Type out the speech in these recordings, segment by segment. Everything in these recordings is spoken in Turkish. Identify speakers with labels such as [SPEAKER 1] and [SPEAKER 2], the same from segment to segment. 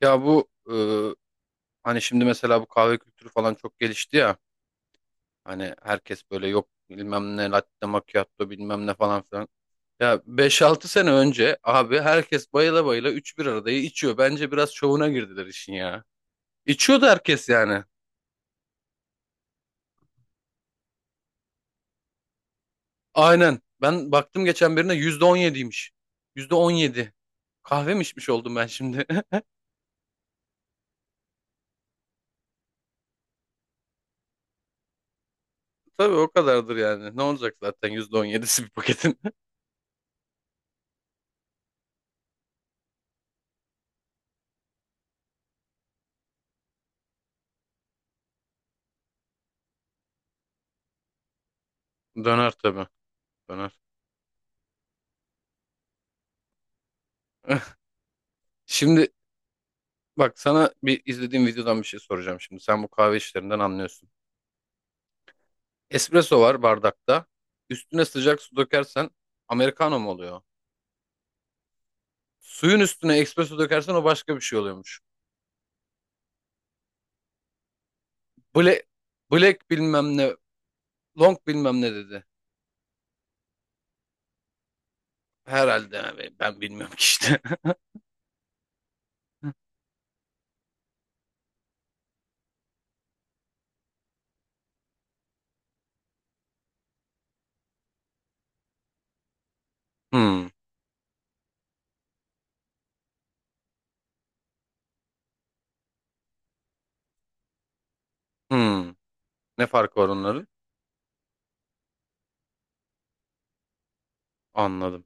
[SPEAKER 1] Ya bu hani şimdi mesela bu kahve kültürü falan çok gelişti ya. Hani herkes böyle yok bilmem ne latte macchiato bilmem ne falan filan. Ya beş altı sene önce abi herkes bayıla bayıla 3 bir aradayı içiyor. Bence biraz şovuna girdiler işin ya. İçiyordu herkes yani. Aynen. Ben baktım geçen birine %17'ymiş. %17. Kahve mi içmiş oldum ben şimdi? Tabii o kadardır yani. Ne olacak zaten %17'si bir paketin? Döner tabii. Döner. Şimdi bak, sana bir izlediğim videodan bir şey soracağım şimdi. Sen bu kahve işlerinden anlıyorsun. Espresso var bardakta. Üstüne sıcak su dökersen Americano mu oluyor? Suyun üstüne espresso dökersen o başka bir şey oluyormuş. Black, black bilmem ne, long bilmem ne dedi. Herhalde abi, ben bilmiyorum ki işte. Hmm, hmm. Ne farkı var onların? Anladım.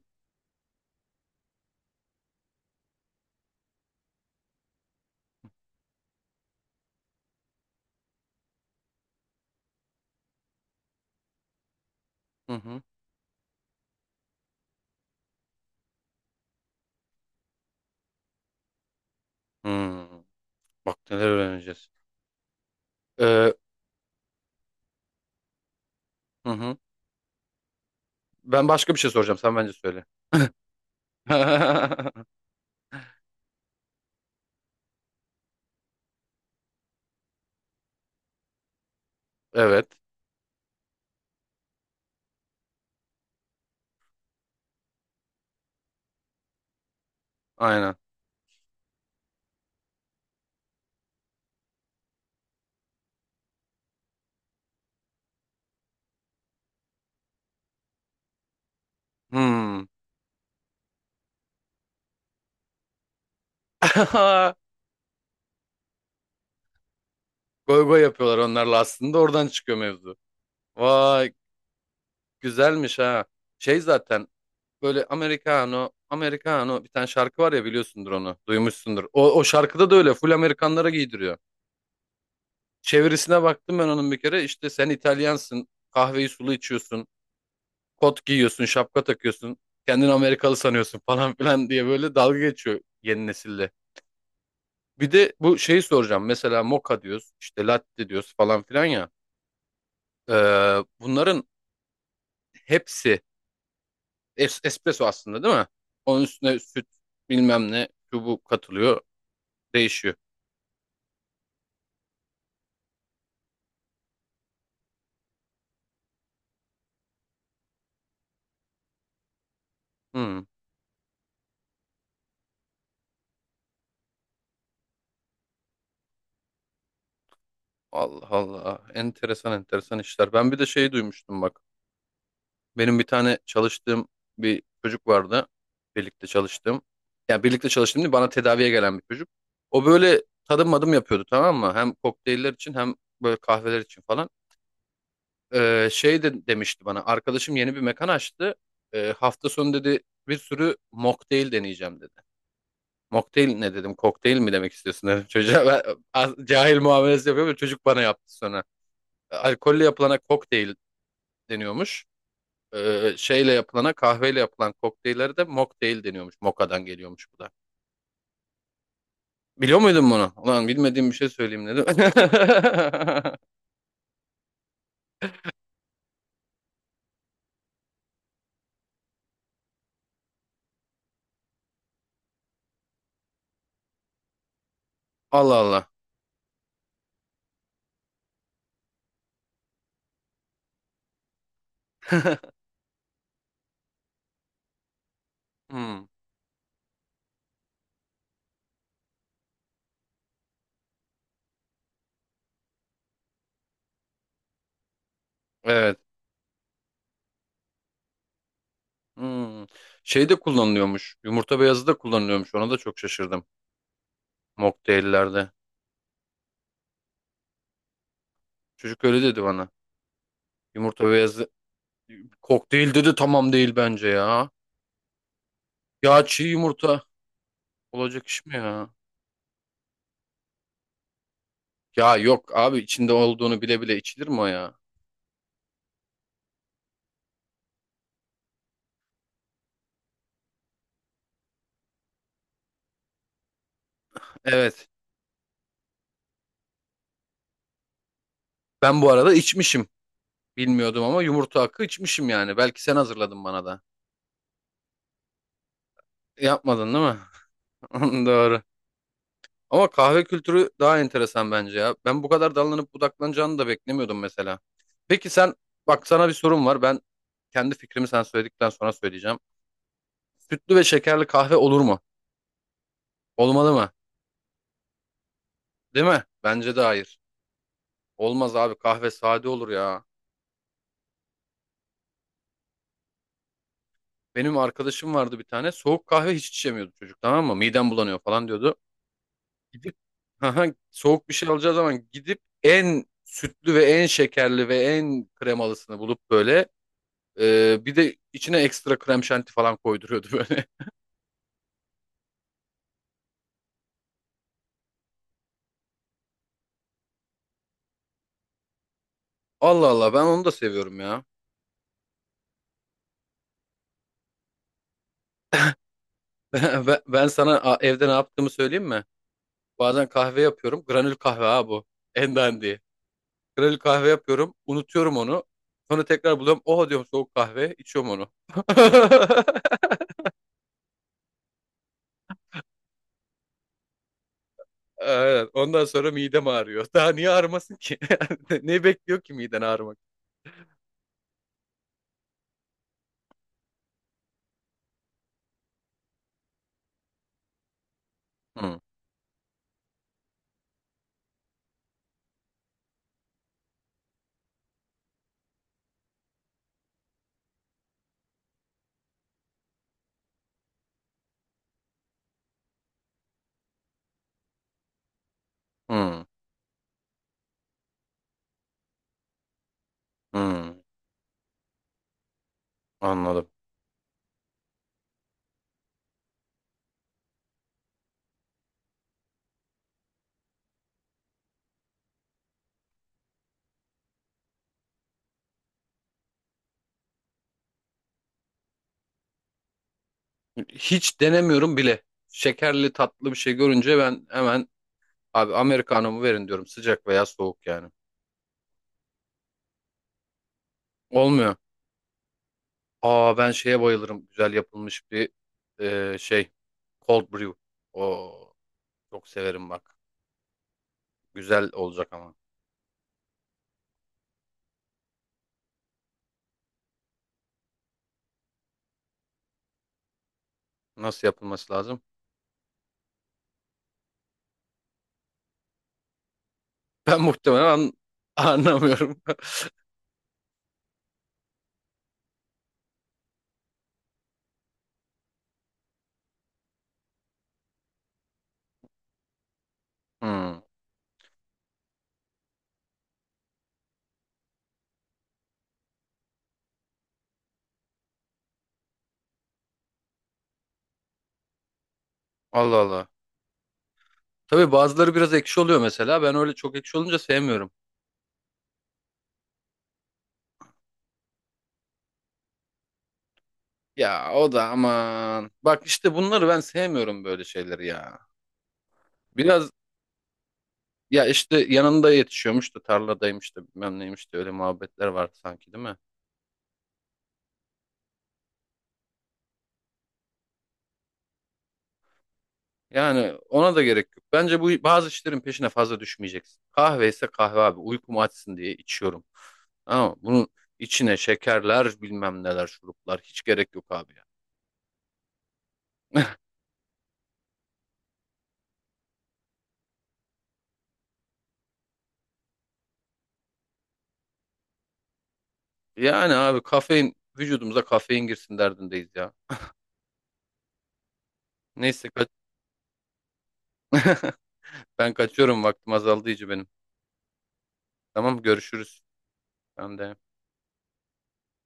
[SPEAKER 1] Hı hı. Hmm. Bak neler öğreneceğiz. Ee, hı hı. Ben başka bir şey soracağım. Sen bence söyle. Evet. Aynen. Hmm. Goy goy yapıyorlar onlarla, aslında oradan çıkıyor mevzu. Vay, güzelmiş ha. Şey zaten böyle Americano, Americano bir tane şarkı var ya, biliyorsundur onu. Duymuşsundur. O şarkıda da öyle full Amerikanlara giydiriyor. Çevirisine baktım ben onun bir kere, işte sen İtalyansın, kahveyi sulu içiyorsun, kot giyiyorsun, şapka takıyorsun, kendini Amerikalı sanıyorsun falan filan diye böyle dalga geçiyor yeni nesille. Bir de bu şeyi soracağım, mesela moka diyoruz işte, latte diyoruz falan filan ya. Ee, bunların hepsi espresso aslında, değil mi? Onun üstüne süt bilmem ne şu bu katılıyor, değişiyor. Hmm. Allah Allah, enteresan enteresan işler. Ben bir de şey duymuştum, bak. Benim bir tane çalıştığım bir çocuk vardı. Birlikte çalıştığım. Yani birlikte çalıştığım değil, bana tedaviye gelen bir çocuk. O böyle tadım madım yapıyordu, tamam mı? Hem kokteyller için hem böyle kahveler için falan. Şey de demişti bana. Arkadaşım yeni bir mekan açtı. Hafta sonu dedi bir sürü mocktail deneyeceğim dedi. Mocktail ne dedim? Kokteyl mi demek istiyorsun dedim çocuğa. Ben, cahil muamelesi yapıyorum. Çocuk bana yaptı sonra. Alkolle yapılana kokteyl deniyormuş. Şeyle yapılana, kahveyle yapılan kokteyllere de mocktail deniyormuş. Mokka'dan geliyormuş bu da. Biliyor muydun bunu? Ulan bilmediğim bir şey söyleyeyim dedim. Allah Allah. Hmm, evet. Hmm. Şey de kullanılıyormuş. Yumurta beyazı da kullanılıyormuş. Ona da çok şaşırdım. Mocktaillerde. Çocuk öyle dedi bana. Yumurta beyazı kokteyl dedi, tamam değil bence ya. Ya çiğ yumurta olacak iş mi ya? Ya yok abi, içinde olduğunu bile bile içilir mi o ya? Evet. Ben bu arada içmişim. Bilmiyordum ama yumurta hakkı içmişim yani. Belki sen hazırladın bana da. Yapmadın değil mi? Doğru. Ama kahve kültürü daha enteresan bence ya. Ben bu kadar dallanıp budaklanacağını da beklemiyordum mesela. Peki sen, bak sana bir sorum var. Ben kendi fikrimi sen söyledikten sonra söyleyeceğim. Sütlü ve şekerli kahve olur mu? Olmalı mı? Değil mi? Bence de hayır. Olmaz abi, kahve sade olur ya. Benim arkadaşım vardı bir tane, soğuk kahve hiç içemiyordu çocuk, tamam mı? Midem bulanıyor falan diyordu. Gidip haha, soğuk bir şey alacağı zaman gidip en sütlü ve en şekerli ve en kremalısını bulup böyle bir de içine ekstra krem şanti falan koyduruyordu böyle. Allah Allah, ben onu da seviyorum ya. Ben sana evde ne yaptığımı söyleyeyim mi? Bazen kahve yapıyorum. Granül kahve ha bu. En dandiği. Granül kahve yapıyorum. Unutuyorum onu. Sonra tekrar buluyorum. Oha diyorum, soğuk kahve, içiyorum onu. Aynen. Ondan sonra midem ağrıyor. Daha niye ağrımasın ki? Ne bekliyor ki miden, ağrımak? Hı, hı, hı. Anladım. Hiç denemiyorum bile. Şekerli tatlı bir şey görünce ben hemen, abi Americano'mu verin diyorum. Sıcak veya soğuk yani. Olmuyor. Aa, ben şeye bayılırım. Güzel yapılmış bir şey. Cold brew. Oo, çok severim bak. Güzel olacak ama. Nasıl yapılması lazım? Ben muhtemelen anlamıyorum. Hmm. Allah Allah. Tabii bazıları biraz ekşi oluyor mesela. Ben öyle çok ekşi olunca sevmiyorum. Ya o da aman. Bak işte bunları ben sevmiyorum, böyle şeyleri ya. Biraz, ya işte yanında yetişiyormuş da, tarladaymış da, bilmem neymiş de, öyle muhabbetler vardı sanki, değil mi? Yani ona da gerek yok. Bence bu, bazı işlerin peşine fazla düşmeyeceksin. Kahve ise kahve abi. Uykumu açsın diye içiyorum. Ama bunun içine şekerler bilmem neler şuruplar hiç gerek yok abi ya. Yani abi, kafein, vücudumuza kafein girsin derdindeyiz ya. Neyse ben kaçıyorum, vaktim azaldı iyice benim. Tamam, görüşürüz. Ben de.